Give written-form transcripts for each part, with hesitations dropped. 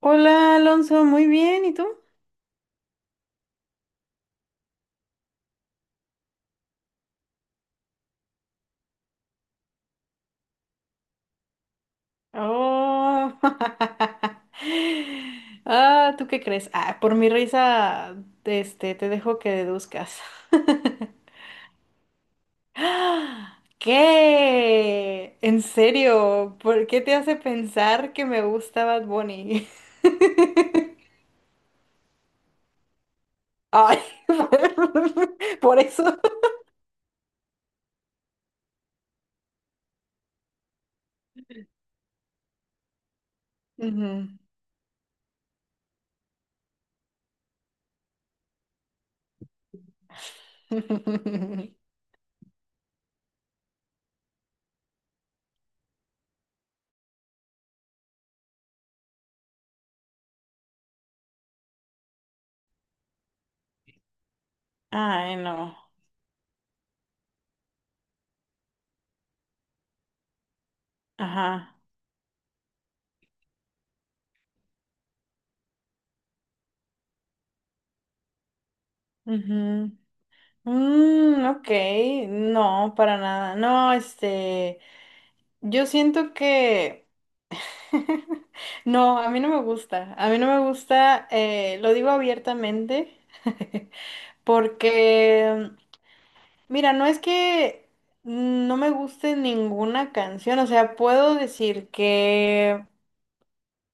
Hola Alonso, muy bien, ¿y tú? Oh, ah, ¿tú qué crees? Ah, por mi risa, te dejo que deduzcas. ¡Ah! ¿Qué? ¿En serio? ¿Por qué te hace pensar que me gusta Bad Bunny? Ay, por eso. Ujú. Ay, no. Ajá. Ujú. Mm, ok, no, para nada. No, yo siento que... No, a mí no me gusta. A mí no me gusta, lo digo abiertamente, porque, mira, no es que no me guste ninguna canción, o sea, puedo decir que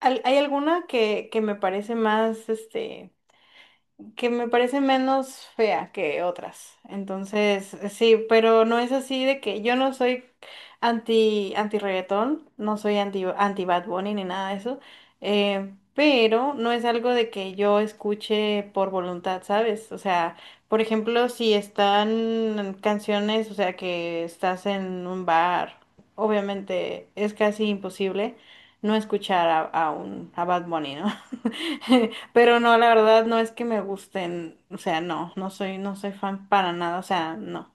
hay alguna que me parece más, que me parece menos fea que otras. Entonces, sí, pero no es así de que yo no soy anti, anti reggaetón, no soy anti, anti Bad Bunny ni nada de eso, pero no es algo de que yo escuche por voluntad, ¿sabes? O sea, por ejemplo, si están canciones, o sea, que estás en un bar, obviamente es casi imposible no escuchar a Bad Bunny, ¿no? Pero no, la verdad no es que me gusten, o sea, no soy, no soy fan para nada, o sea, no.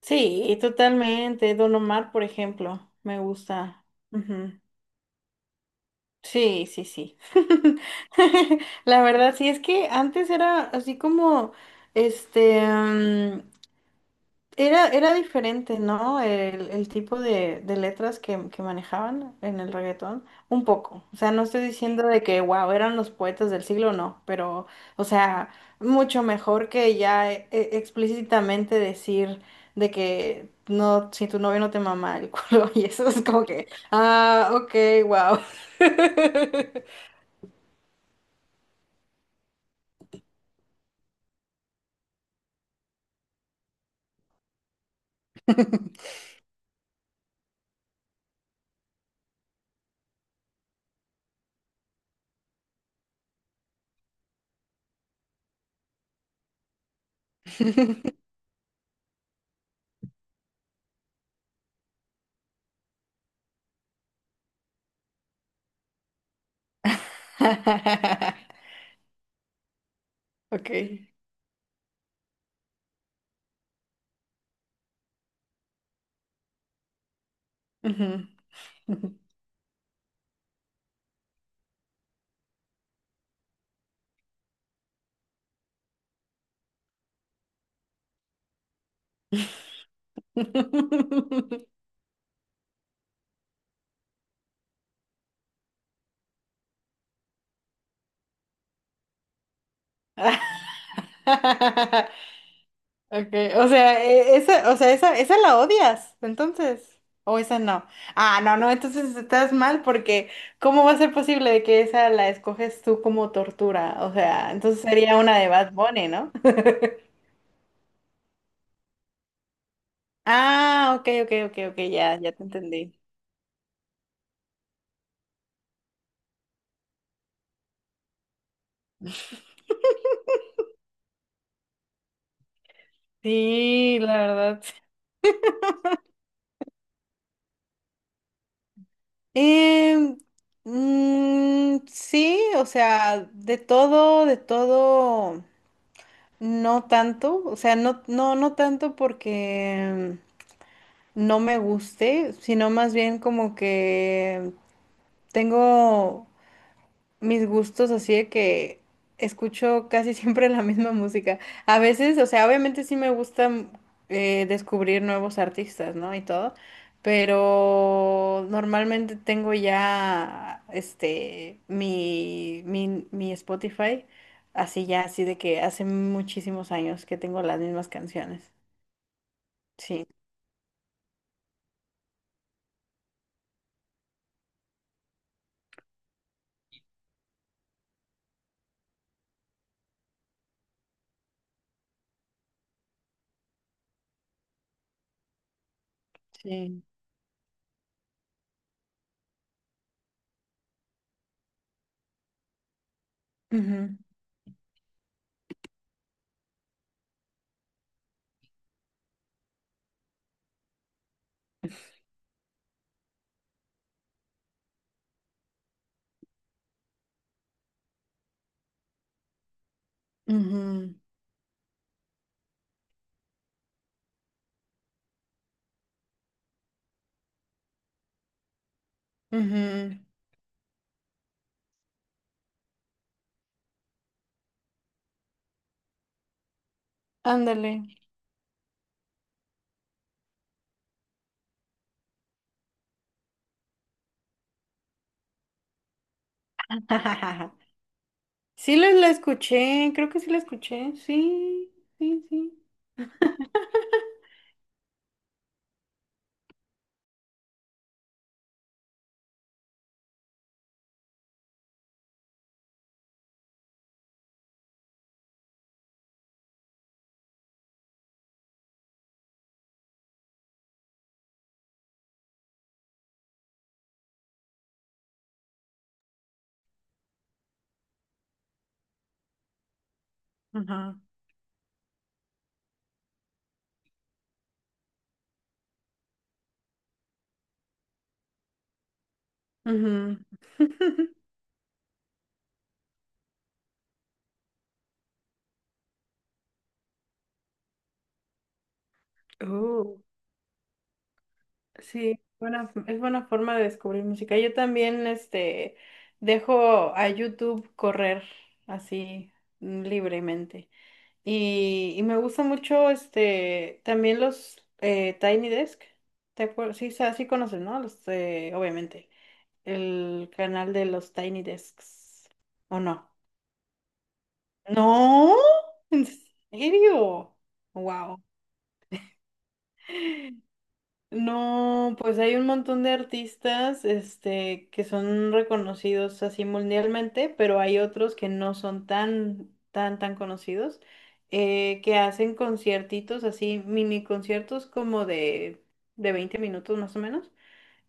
Sí, totalmente. Don Omar, por ejemplo, me gusta. Ujú. Sí, sí, sí. La verdad, sí, es que antes era así como, este, era, era diferente, ¿no? El tipo de letras que manejaban en el reggaetón. Un poco. O sea, no estoy diciendo de que, wow, eran los poetas del siglo, no. Pero, o sea, mucho mejor que ya explícitamente decir de que no, si tu novio no te mama el culo. Y eso es como que, ah, ok, wow. Ok. Ujú. Okay, o sea, esa, o sea, esa la odias, entonces, o esa no. Ah, no, no, entonces estás mal porque ¿cómo va a ser posible de que esa la escoges tú como tortura? O sea, entonces sería una de Bad Bunny, ¿no? Ah, ok, ok, ok, ok, ya, ya te entendí. Sí, la verdad. Em, sí, o sea, de todo, no tanto, o sea, no tanto porque no me guste, sino más bien como que tengo mis gustos así de que escucho casi siempre la misma música. A veces, o sea, obviamente sí me gusta descubrir nuevos artistas, ¿no? Y todo, pero normalmente tengo ya este mi Spotify así ya, así de que hace muchísimos años que tengo las mismas canciones. Sí, sí. Ujú, ujú. Ujú, ándale. Sí la escuché, creo que sí la escuché. Sí, sí, sí. Ajá. Ujú. Uh, sí, buena, es buena forma de descubrir música. Yo también, dejo a YouTube correr así libremente. Y me gusta mucho, también los Tiny Desk. ¿Te acuerdas? Sí, sí conoces, ¿no? Los, obviamente el canal de los Tiny Desks. ¿O no? No, ¿en serio? Wow. No, pues hay un montón de artistas, que son reconocidos así mundialmente, pero hay otros que no son tan conocidos, que hacen conciertitos así, mini conciertos como de 20 minutos más o menos.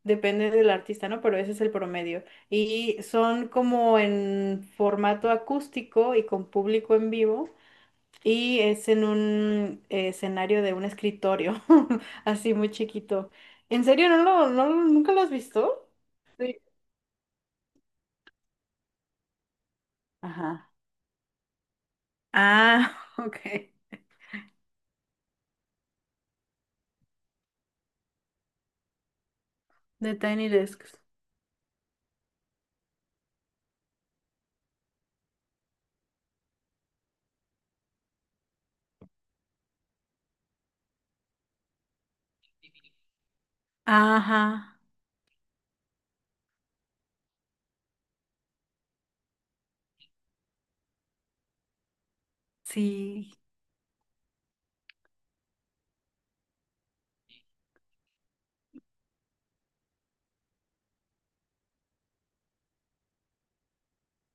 Depende del artista, ¿no? Pero ese es el promedio. Y son como en formato acústico y con público en vivo. Y es en un escenario de un escritorio, así muy chiquito. ¿En serio? ¿ Nunca lo has visto? Sí. Ajá. Ah, ok. De Tiny Desks. Ajá, sí.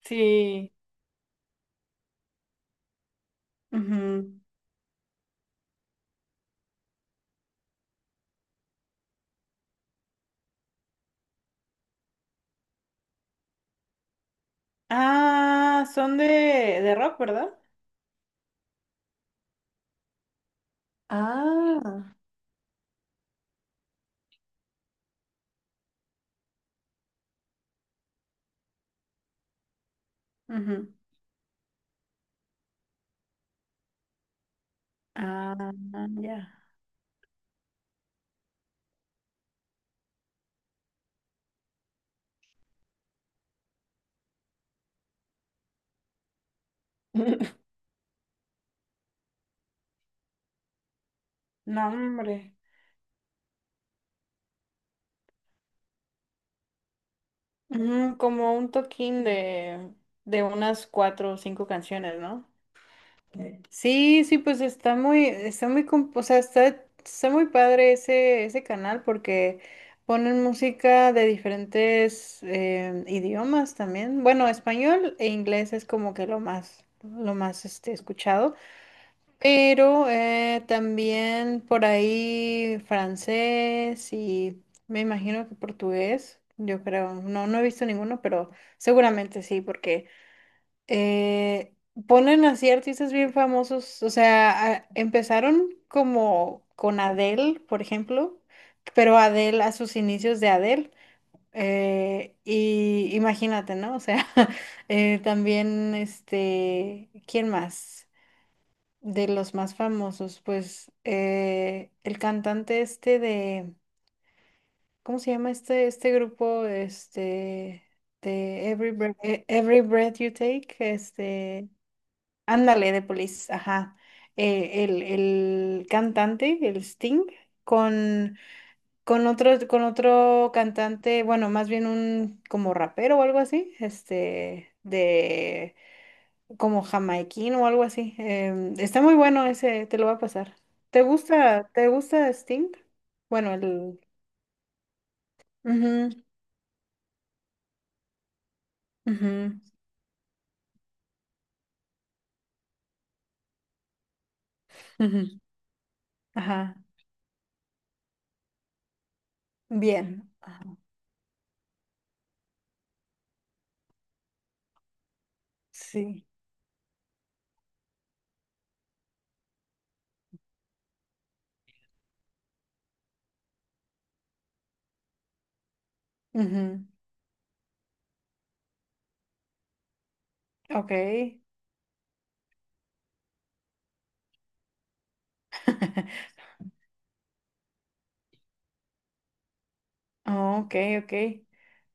Sí. Ujú. Ah, son de rock, ¿verdad? Ah. Ujú. Ah, ya. No, hombre. Ujú, como un toquín de unas cuatro o cinco canciones, ¿no? Ok. Sí, sí, pues está muy, o sea, está, está muy padre ese, ese canal porque ponen música de diferentes idiomas también. Bueno, español e inglés es como que lo más escuchado. Pero también por ahí francés y me imagino que portugués, yo creo. No, no he visto ninguno, pero seguramente sí, porque eh, ponen así artistas bien famosos. O sea, empezaron como con Adele, por ejemplo, pero Adele a sus inicios de Adele. Y imagínate, ¿no? O sea, también ¿quién más? De los más famosos, pues el cantante este de, ¿cómo se llama este, este grupo? Este, de Every Breath, Every Breath You Take, ándale, de Police, ajá. El cantante, el Sting, con, con otro cantante, bueno, más bien un como rapero o algo así, como jamaiquino o algo así. Está muy bueno ese, te lo va a pasar. Te gusta Sting? Bueno, el... ujú, ujú, ujú. Ajá, bien. Ajá, sí. Ujú. Ok. Oh, ok, ok.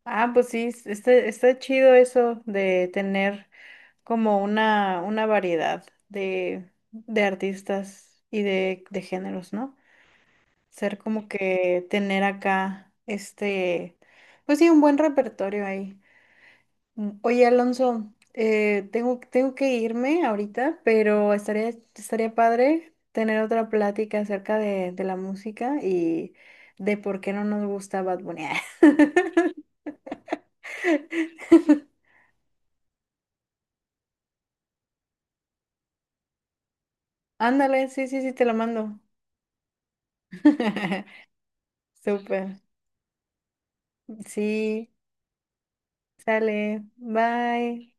Ah, pues sí, está, está chido eso de tener como una variedad de artistas y de géneros, ¿no? Ser como que tener acá pues sí, un buen repertorio ahí. Mm, oye, Alonso, tengo que irme ahorita, pero estaría, estaría padre tener otra plática acerca de la música y de por qué no nos gusta Bad Bunny. Ándale, sí, sí, sí, te lo mando. Súper. Sí, sale. Bye.